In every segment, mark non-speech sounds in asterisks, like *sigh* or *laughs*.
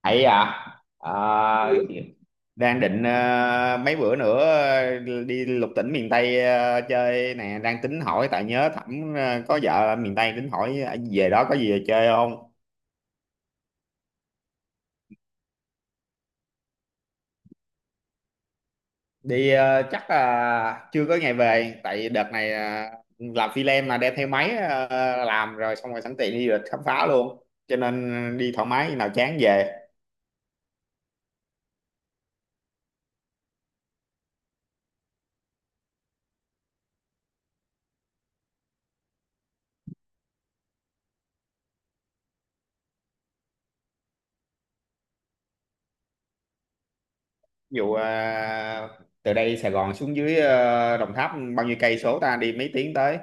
Ấy à. Ờ, đang định mấy bữa nữa đi lục tỉnh miền Tây chơi nè. Đang tính hỏi tại nhớ Thẩm có vợ ở miền Tây, tính hỏi về đó có gì về chơi không. Đi chắc là chưa có ngày về. Tại đợt này làm phi lem mà đem theo máy làm rồi, xong rồi sẵn tiện đi du lịch khám phá luôn, cho nên đi thoải mái, khi nào chán về. Ví dụ từ đây Sài Gòn xuống dưới Đồng Tháp bao nhiêu cây số ta, đi mấy tiếng tới?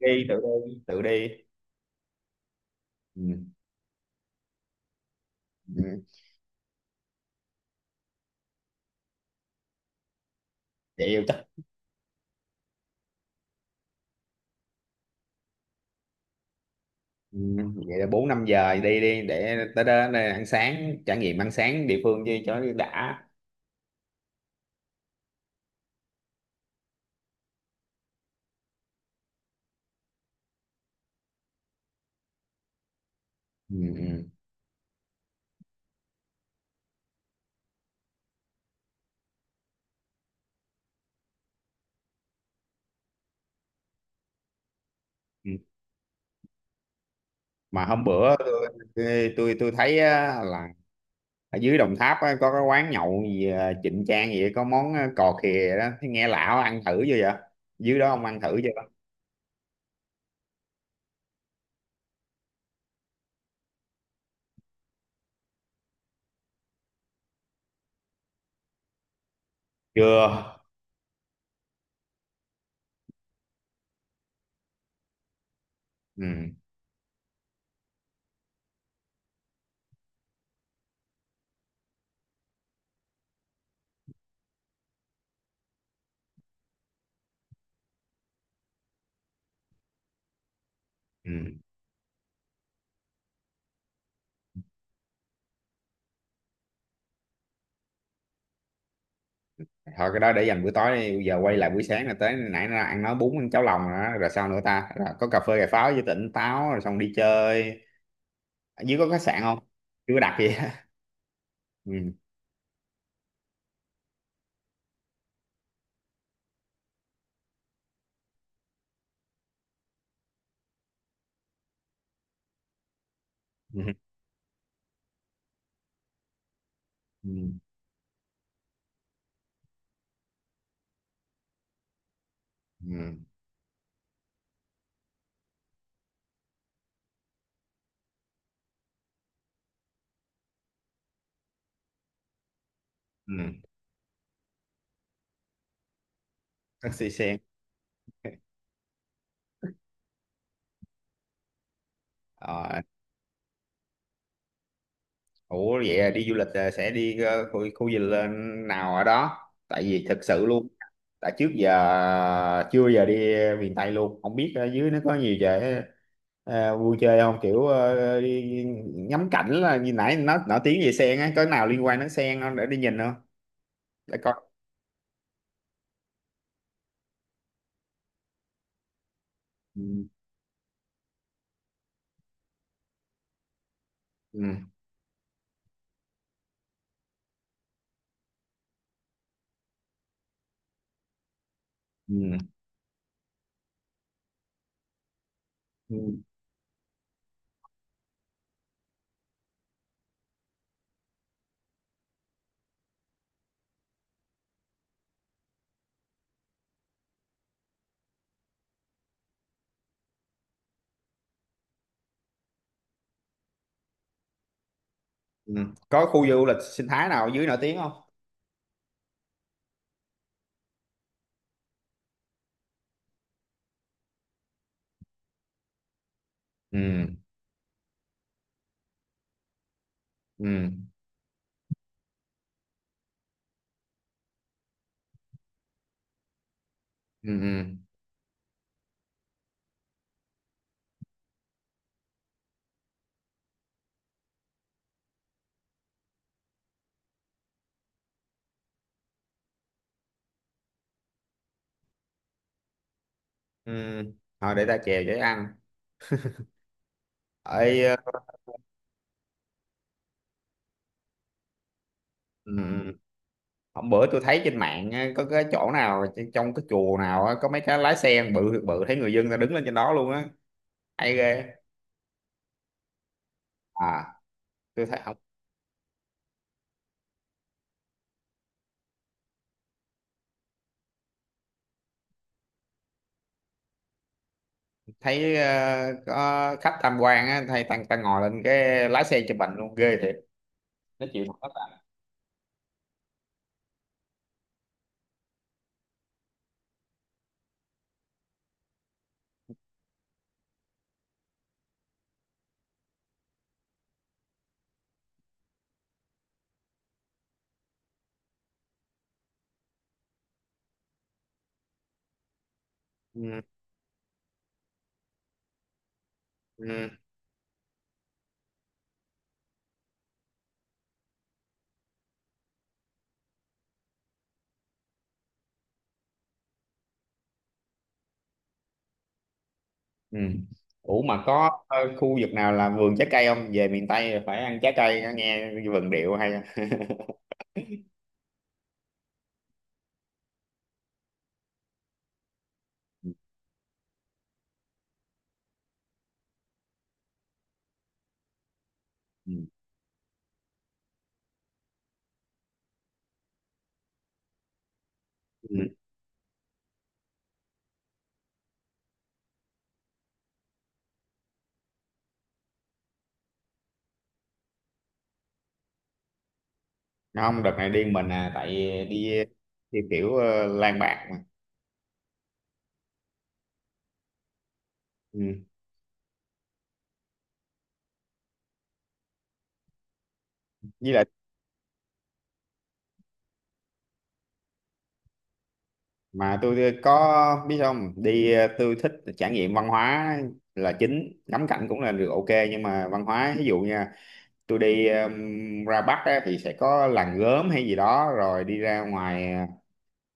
đi tự Đi tự đi. Ừ. Ừ. Vậy yêu chắc. Ừ. Vậy là 4 5 giờ đi, đi để tới đó đây ăn sáng, trải nghiệm ăn sáng địa phương chứ cho đã. Ừ. Ừ. Ừ. Mà hôm bữa tôi tôi thấy á, là ở dưới Đồng Tháp á, có cái quán nhậu gì à, Trịnh Trang gì, có món à, cò khìa đó. Thấy nghe lão ăn thử chưa vậy? Dưới đó ông ăn thử chưa? Chưa. Ừ. Ừ. Thôi, cái đó để dành bữa tối đi. Bây giờ quay lại buổi sáng, là tới nãy nó ăn, nói bún, ăn cháo lòng rồi đó. Rồi sao nữa ta, rồi có cà phê cà pháo với tỉnh táo rồi xong đi chơi. Ở dưới có khách sạn không? Chưa có đặt gì. *laughs* Ừ. Ừ. Ừ. Ừ. Ừ. Taxi sen. Ờ. Ủa vậy à, đi du lịch à, sẽ đi khu du lịch nào ở đó? Tại vì thực sự luôn, tại trước giờ chưa giờ đi miền Tây luôn, không biết ở dưới nó có nhiều chỗ vui chơi không? Kiểu đi ngắm cảnh. Là như nãy nó nổi tiếng về sen á, có nào liên quan đến sen không để đi nhìn không? Để coi. Ừ, ừ, ừ, ừ, ừ. Có khu du lịch sinh thái nào ở dưới nổi tiếng không? Ừ, ừ, ừ, ừ. Ừ. Thôi để ta chèo để ăn. Ở, hôm bữa tôi thấy trên mạng á, có cái chỗ nào trong cái chùa nào á, có mấy cái lái xe bự bự, thấy người dân ta đứng lên trên đó luôn á. Hay ghê. À tôi thấy không, thấy có khách tham quan á, thấy tăng tăng ngồi lên cái lái xe chụp ảnh luôn, ghê thiệt. Nó chịu thật tất cả. Ừ, ừ, ừ. Ủa mà có khu vực nào là vườn trái cây không, về miền Tây phải ăn trái cây nghe vườn điệu hay. *laughs* Ừ. Ừ. Không, đợt này đi mình à, tại đi theo kiểu lang bạc mà. Ừ. Với lại mà tôi có biết không, đi tôi thích trải nghiệm văn hóa là chính, ngắm cảnh cũng là được ok nhưng mà văn hóa ví dụ nha, tôi đi ra Bắc á, thì sẽ có làng gốm hay gì đó, rồi đi ra ngoài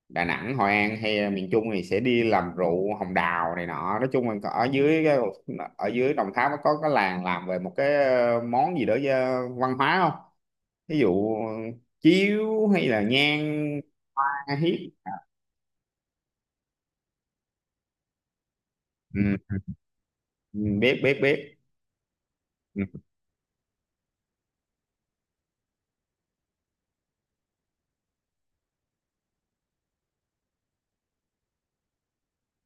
Đà Nẵng Hội An hay miền Trung thì sẽ đi làm rượu hồng đào này nọ. Nói chung là ở dưới ở dưới Đồng Tháp nó có cái làng làm về một cái món gì đó văn hóa không? Ví dụ chiếu hay là nhang. Ta hiếp. Ừ, ừ, biết biết biết. Ừ.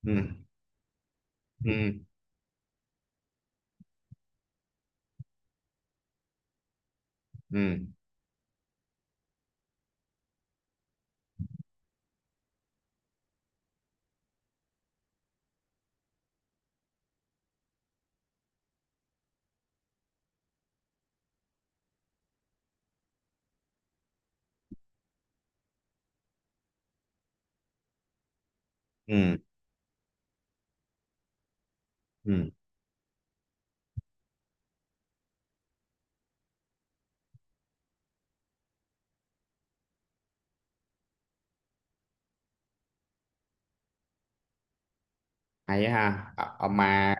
Ừ. Ừ. Ừ. Ừ. Ừ. Hay á ha. Ờ, mà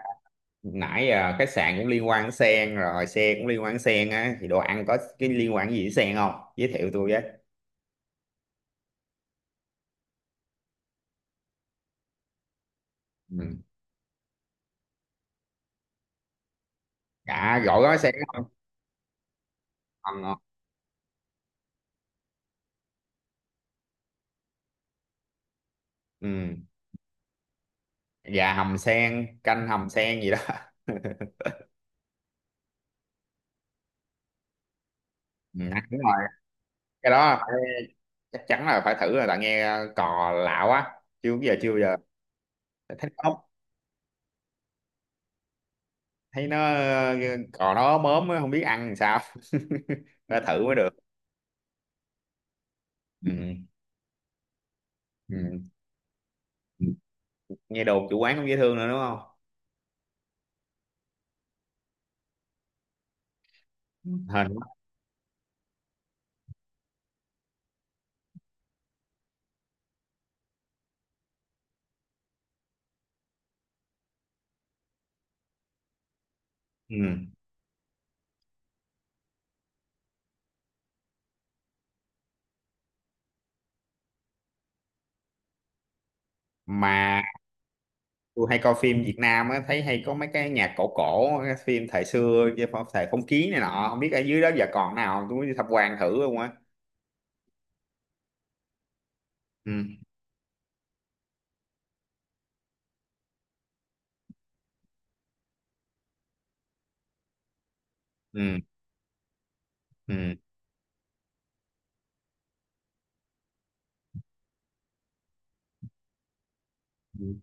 nãy giờ khách sạn cũng liên quan đến sen rồi, xe cũng liên quan đến sen á, thì đồ ăn có cái liên quan gì đến sen không, giới thiệu tôi với. Ừ. Cả gỏi gói sen không? Còn ngon. Ừ. Gà hầm sen, canh hầm sen gì đó. Ừ. Đúng rồi. cái đó phải- Chắc chắn là phải thử rồi. Tại nghe cò lạ quá. Chưa bao giờ, chưa bao giờ thấy nó ốc. Thấy nó cò nó ốm ốm á, không biết ăn làm sao. *laughs* Phải thử mới được. Ừ. Ừ. Ừ. Nghe đồn chủ quán cũng dễ thương nữa đúng không? Ừ. Hình. Ừ. Mà tôi hay coi phim Việt Nam á, thấy hay có mấy cái nhạc cổ cổ, cái phim thời xưa, cái thời phong kiến này nọ. Không biết ở dưới đó giờ còn nào không, tôi muốn đi tham quan thử luôn á. Ừ. Ừ. Ừ. Ừ.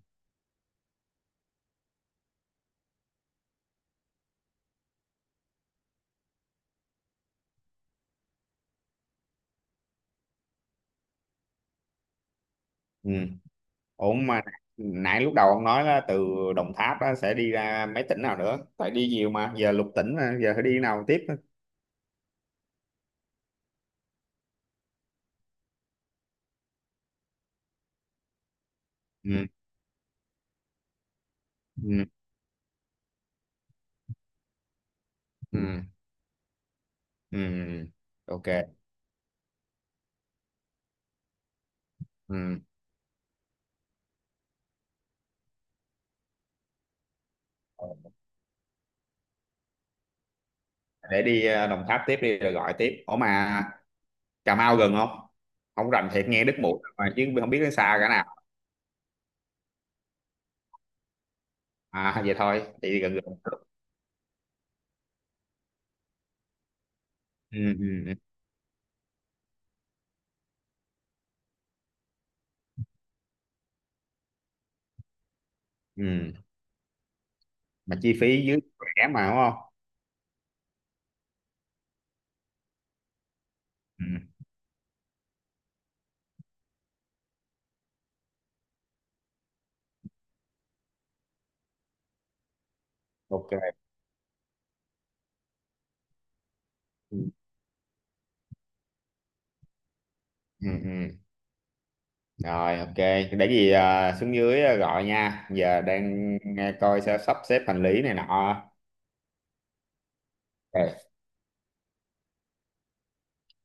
Ừ. Ổn mà. Nãy lúc đầu ông nói là từ Đồng Tháp á, sẽ đi ra mấy tỉnh nào nữa, tại đi nhiều mà giờ lục tỉnh mà, giờ phải đi nào tiếp á? Ừ. Ừ. Ừ. Ừ. Ok. Ừ. Để đi Đồng Tháp tiếp đi rồi gọi tiếp. Ủa mà Cà Mau gần không? Không rành thiệt, nghe đứt mũi mà chứ không biết nó xa cả nào. À vậy thôi thì gần gần. Ừ, ừ, ừ. Ừ. Mà chi phí dưới rẻ mà đúng không? Ừ. Ok. Ừ. Ừ, ừ. Rồi ok, để cái gì à, xuống dưới à, gọi nha. Giờ đang à, coi sẽ sắp xếp hành lý này nọ.